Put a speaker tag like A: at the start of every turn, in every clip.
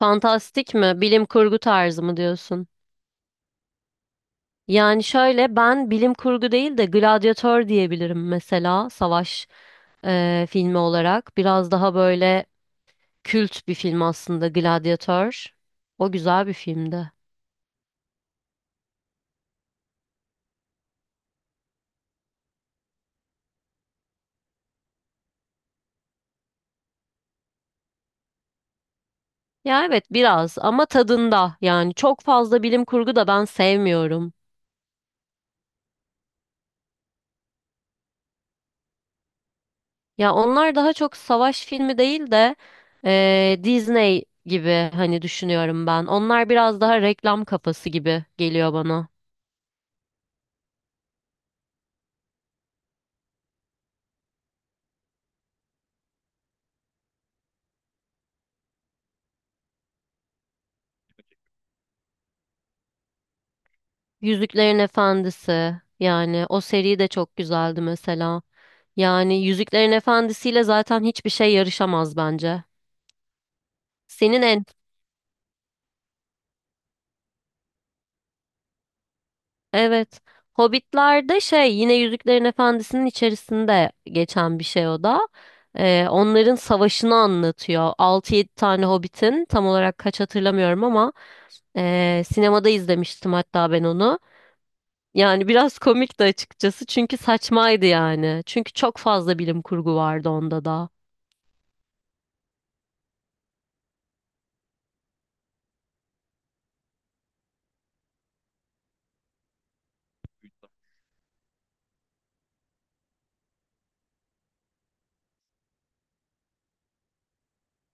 A: Fantastik mi? Bilim kurgu tarzı mı diyorsun? Yani şöyle ben bilim kurgu değil de Gladyatör diyebilirim mesela savaş filmi olarak. Biraz daha böyle kült bir film aslında Gladyatör. O güzel bir filmdi. Ya evet biraz ama tadında yani çok fazla bilim kurgu da ben sevmiyorum. Ya onlar daha çok savaş filmi değil de Disney gibi hani düşünüyorum ben. Onlar biraz daha reklam kafası gibi geliyor bana. Yüzüklerin Efendisi yani o seri de çok güzeldi mesela. Yani Yüzüklerin Efendisi ile zaten hiçbir şey yarışamaz bence. Senin en evet, Hobbitler'de şey yine Yüzüklerin Efendisi'nin içerisinde geçen bir şey o da. Onların savaşını anlatıyor. 6 7 tane Hobbit'in tam olarak kaç hatırlamıyorum ama sinemada izlemiştim hatta ben onu. Yani biraz komikti açıkçası çünkü saçmaydı yani. Çünkü çok fazla bilim kurgu vardı onda da.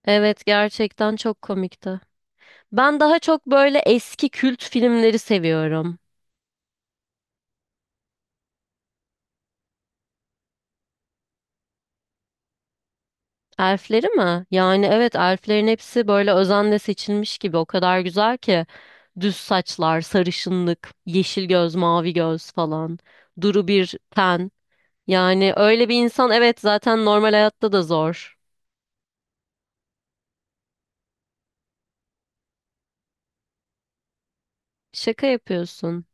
A: Evet, gerçekten çok komikti. Ben daha çok böyle eski kült filmleri seviyorum. Elfleri mi? Yani evet, elflerin hepsi böyle özenle seçilmiş gibi o kadar güzel ki. Düz saçlar, sarışınlık, yeşil göz, mavi göz falan. Duru bir ten. Yani öyle bir insan evet zaten normal hayatta da zor. Şaka yapıyorsun.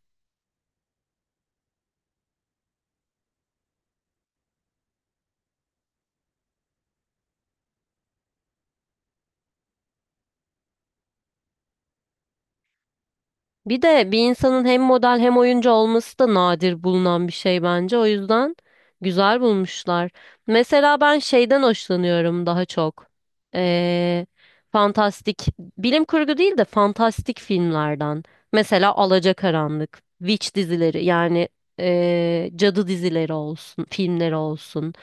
A: Bir de bir insanın hem model hem oyuncu olması da nadir bulunan bir şey bence. O yüzden güzel bulmuşlar. Mesela ben şeyden hoşlanıyorum daha çok. Ee, Fantastik, bilim kurgu değil de fantastik filmlerden. Mesela Alacakaranlık, Witch dizileri yani cadı dizileri olsun, filmleri olsun.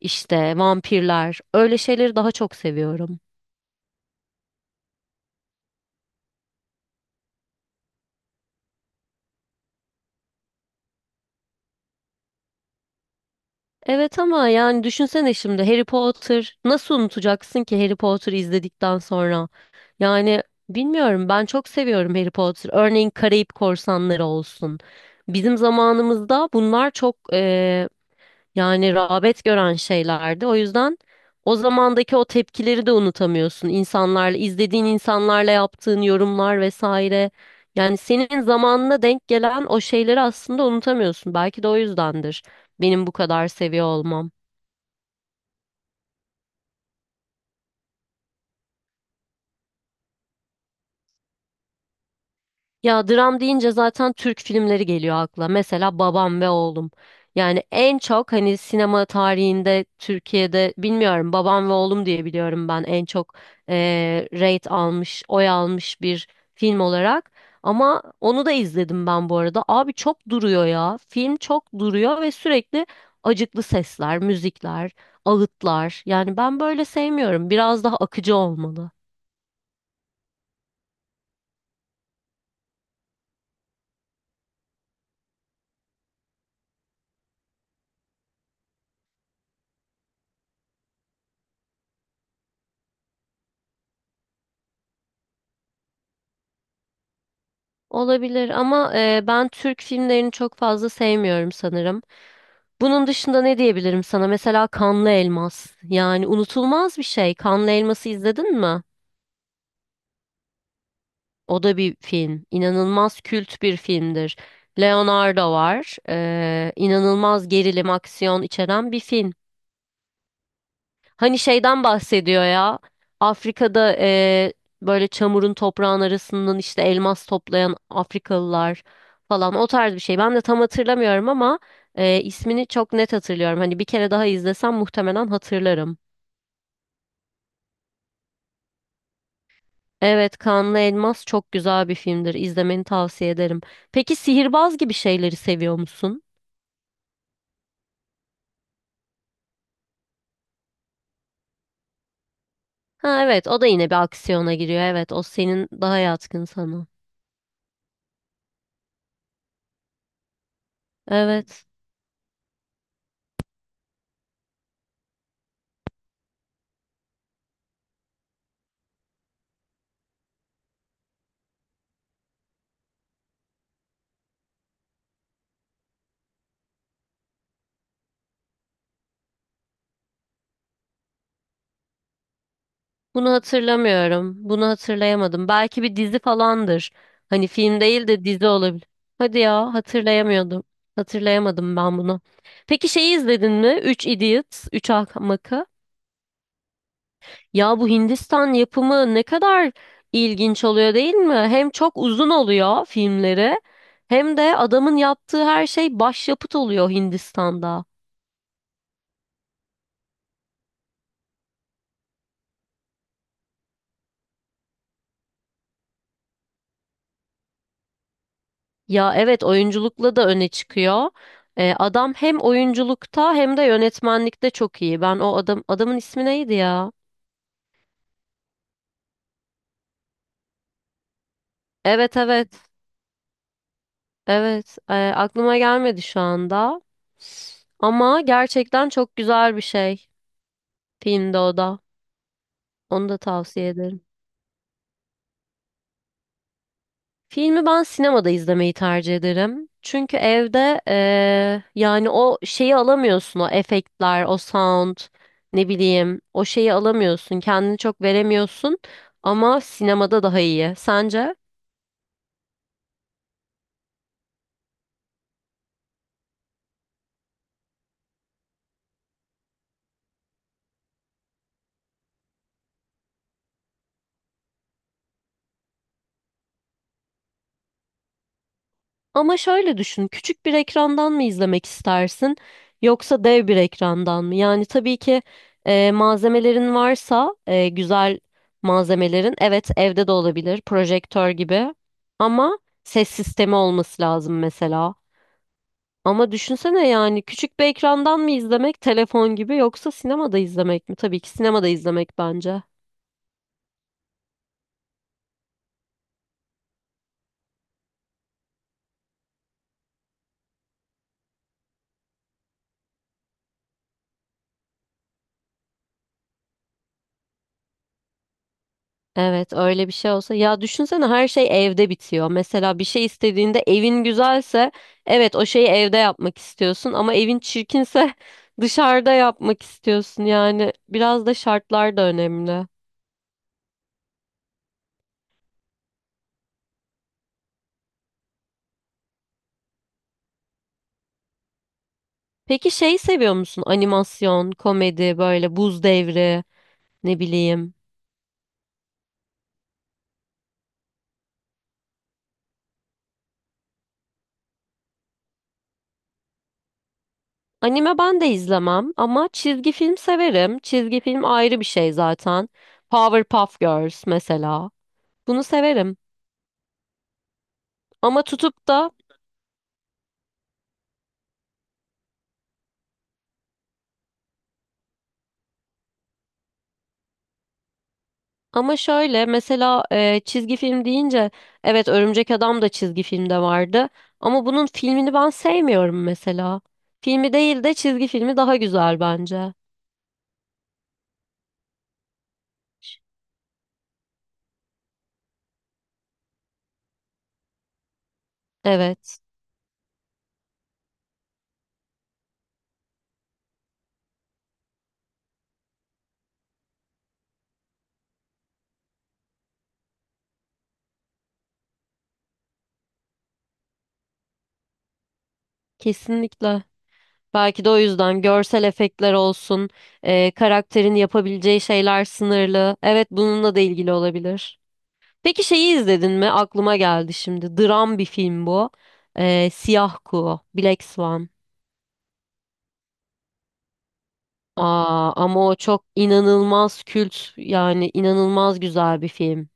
A: İşte vampirler, öyle şeyleri daha çok seviyorum. Evet ama yani düşünsene şimdi Harry Potter nasıl unutacaksın ki Harry Potter izledikten sonra? Yani bilmiyorum, ben çok seviyorum Harry Potter. Örneğin Karayip Korsanları olsun. Bizim zamanımızda bunlar çok yani rağbet gören şeylerdi. O yüzden o zamandaki o tepkileri de unutamıyorsun. İnsanlarla, izlediğin insanlarla yaptığın yorumlar vesaire. Yani senin zamanına denk gelen o şeyleri aslında unutamıyorsun. Belki de o yüzdendir benim bu kadar seviyor olmam. Ya dram deyince zaten Türk filmleri geliyor akla. Mesela Babam ve Oğlum. Yani en çok hani sinema tarihinde Türkiye'de bilmiyorum Babam ve Oğlum diye biliyorum ben en çok rate almış, oy almış bir film olarak. Ama onu da izledim ben bu arada. Abi çok duruyor ya. Film çok duruyor ve sürekli acıklı sesler, müzikler, ağıtlar. Yani ben böyle sevmiyorum. Biraz daha akıcı olmalı. Olabilir ama ben Türk filmlerini çok fazla sevmiyorum sanırım. Bunun dışında ne diyebilirim sana? Mesela Kanlı Elmas. Yani unutulmaz bir şey. Kanlı Elmas'ı izledin mi? O da bir film. İnanılmaz kült bir filmdir. Leonardo var. İnanılmaz gerilim, aksiyon içeren bir film. Hani şeyden bahsediyor ya. Afrika'da böyle çamurun toprağın arasından işte elmas toplayan Afrikalılar falan o tarz bir şey. Ben de tam hatırlamıyorum ama ismini çok net hatırlıyorum. Hani bir kere daha izlesem muhtemelen hatırlarım. Evet, Kanlı Elmas çok güzel bir filmdir. İzlemeni tavsiye ederim. Peki sihirbaz gibi şeyleri seviyor musun? Ha evet, o da yine bir aksiyona giriyor. Evet, o senin daha yatkın sana. Evet. Bunu hatırlamıyorum. Bunu hatırlayamadım. Belki bir dizi falandır. Hani film değil de dizi olabilir. Hadi ya hatırlayamıyordum. Hatırlayamadım ben bunu. Peki şeyi izledin mi? Üç Idiots, 3 Ahmakı. Ya bu Hindistan yapımı ne kadar ilginç oluyor değil mi? Hem çok uzun oluyor filmleri hem de adamın yaptığı her şey başyapıt oluyor Hindistan'da. Ya evet, oyunculukla da öne çıkıyor. Adam hem oyunculukta hem de yönetmenlikte çok iyi. Ben o adamın ismi neydi ya? Evet, evet, evet. Aklıma gelmedi şu anda. Ama gerçekten çok güzel bir şey filmde o da. Onu da tavsiye ederim. Filmi ben sinemada izlemeyi tercih ederim. Çünkü evde yani o şeyi alamıyorsun, o efektler, o sound, ne bileyim o şeyi alamıyorsun. Kendini çok veremiyorsun ama sinemada daha iyi. Sence? Ama şöyle düşün, küçük bir ekrandan mı izlemek istersin yoksa dev bir ekrandan mı? Yani tabii ki malzemelerin varsa güzel malzemelerin, evet evde de olabilir projektör gibi ama ses sistemi olması lazım mesela. Ama düşünsene, yani küçük bir ekrandan mı izlemek telefon gibi yoksa sinemada izlemek mi? Tabii ki sinemada izlemek bence. Evet, öyle bir şey olsa ya düşünsene her şey evde bitiyor. Mesela bir şey istediğinde evin güzelse evet o şeyi evde yapmak istiyorsun ama evin çirkinse dışarıda yapmak istiyorsun. Yani biraz da şartlar da önemli. Peki şeyi seviyor musun? Animasyon, komedi, böyle buz devri, ne bileyim. Anime ben de izlemem ama çizgi film severim. Çizgi film ayrı bir şey zaten. Powerpuff Girls mesela. Bunu severim. Ama tutup da Ama şöyle mesela çizgi film deyince evet Örümcek Adam da çizgi filmde vardı ama bunun filmini ben sevmiyorum mesela. Filmi değil de çizgi filmi daha güzel bence. Evet, kesinlikle. Belki de o yüzden görsel efektler olsun, karakterin yapabileceği şeyler sınırlı. Evet, bununla da ilgili olabilir. Peki şeyi izledin mi? Aklıma geldi şimdi. Dram bir film bu. Siyah Kuğu, Black Swan. Aa, ama o çok inanılmaz kült yani inanılmaz güzel bir film.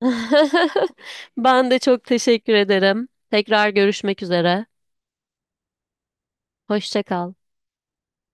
A: Ben de çok teşekkür ederim. Tekrar görüşmek üzere. Hoşça kal.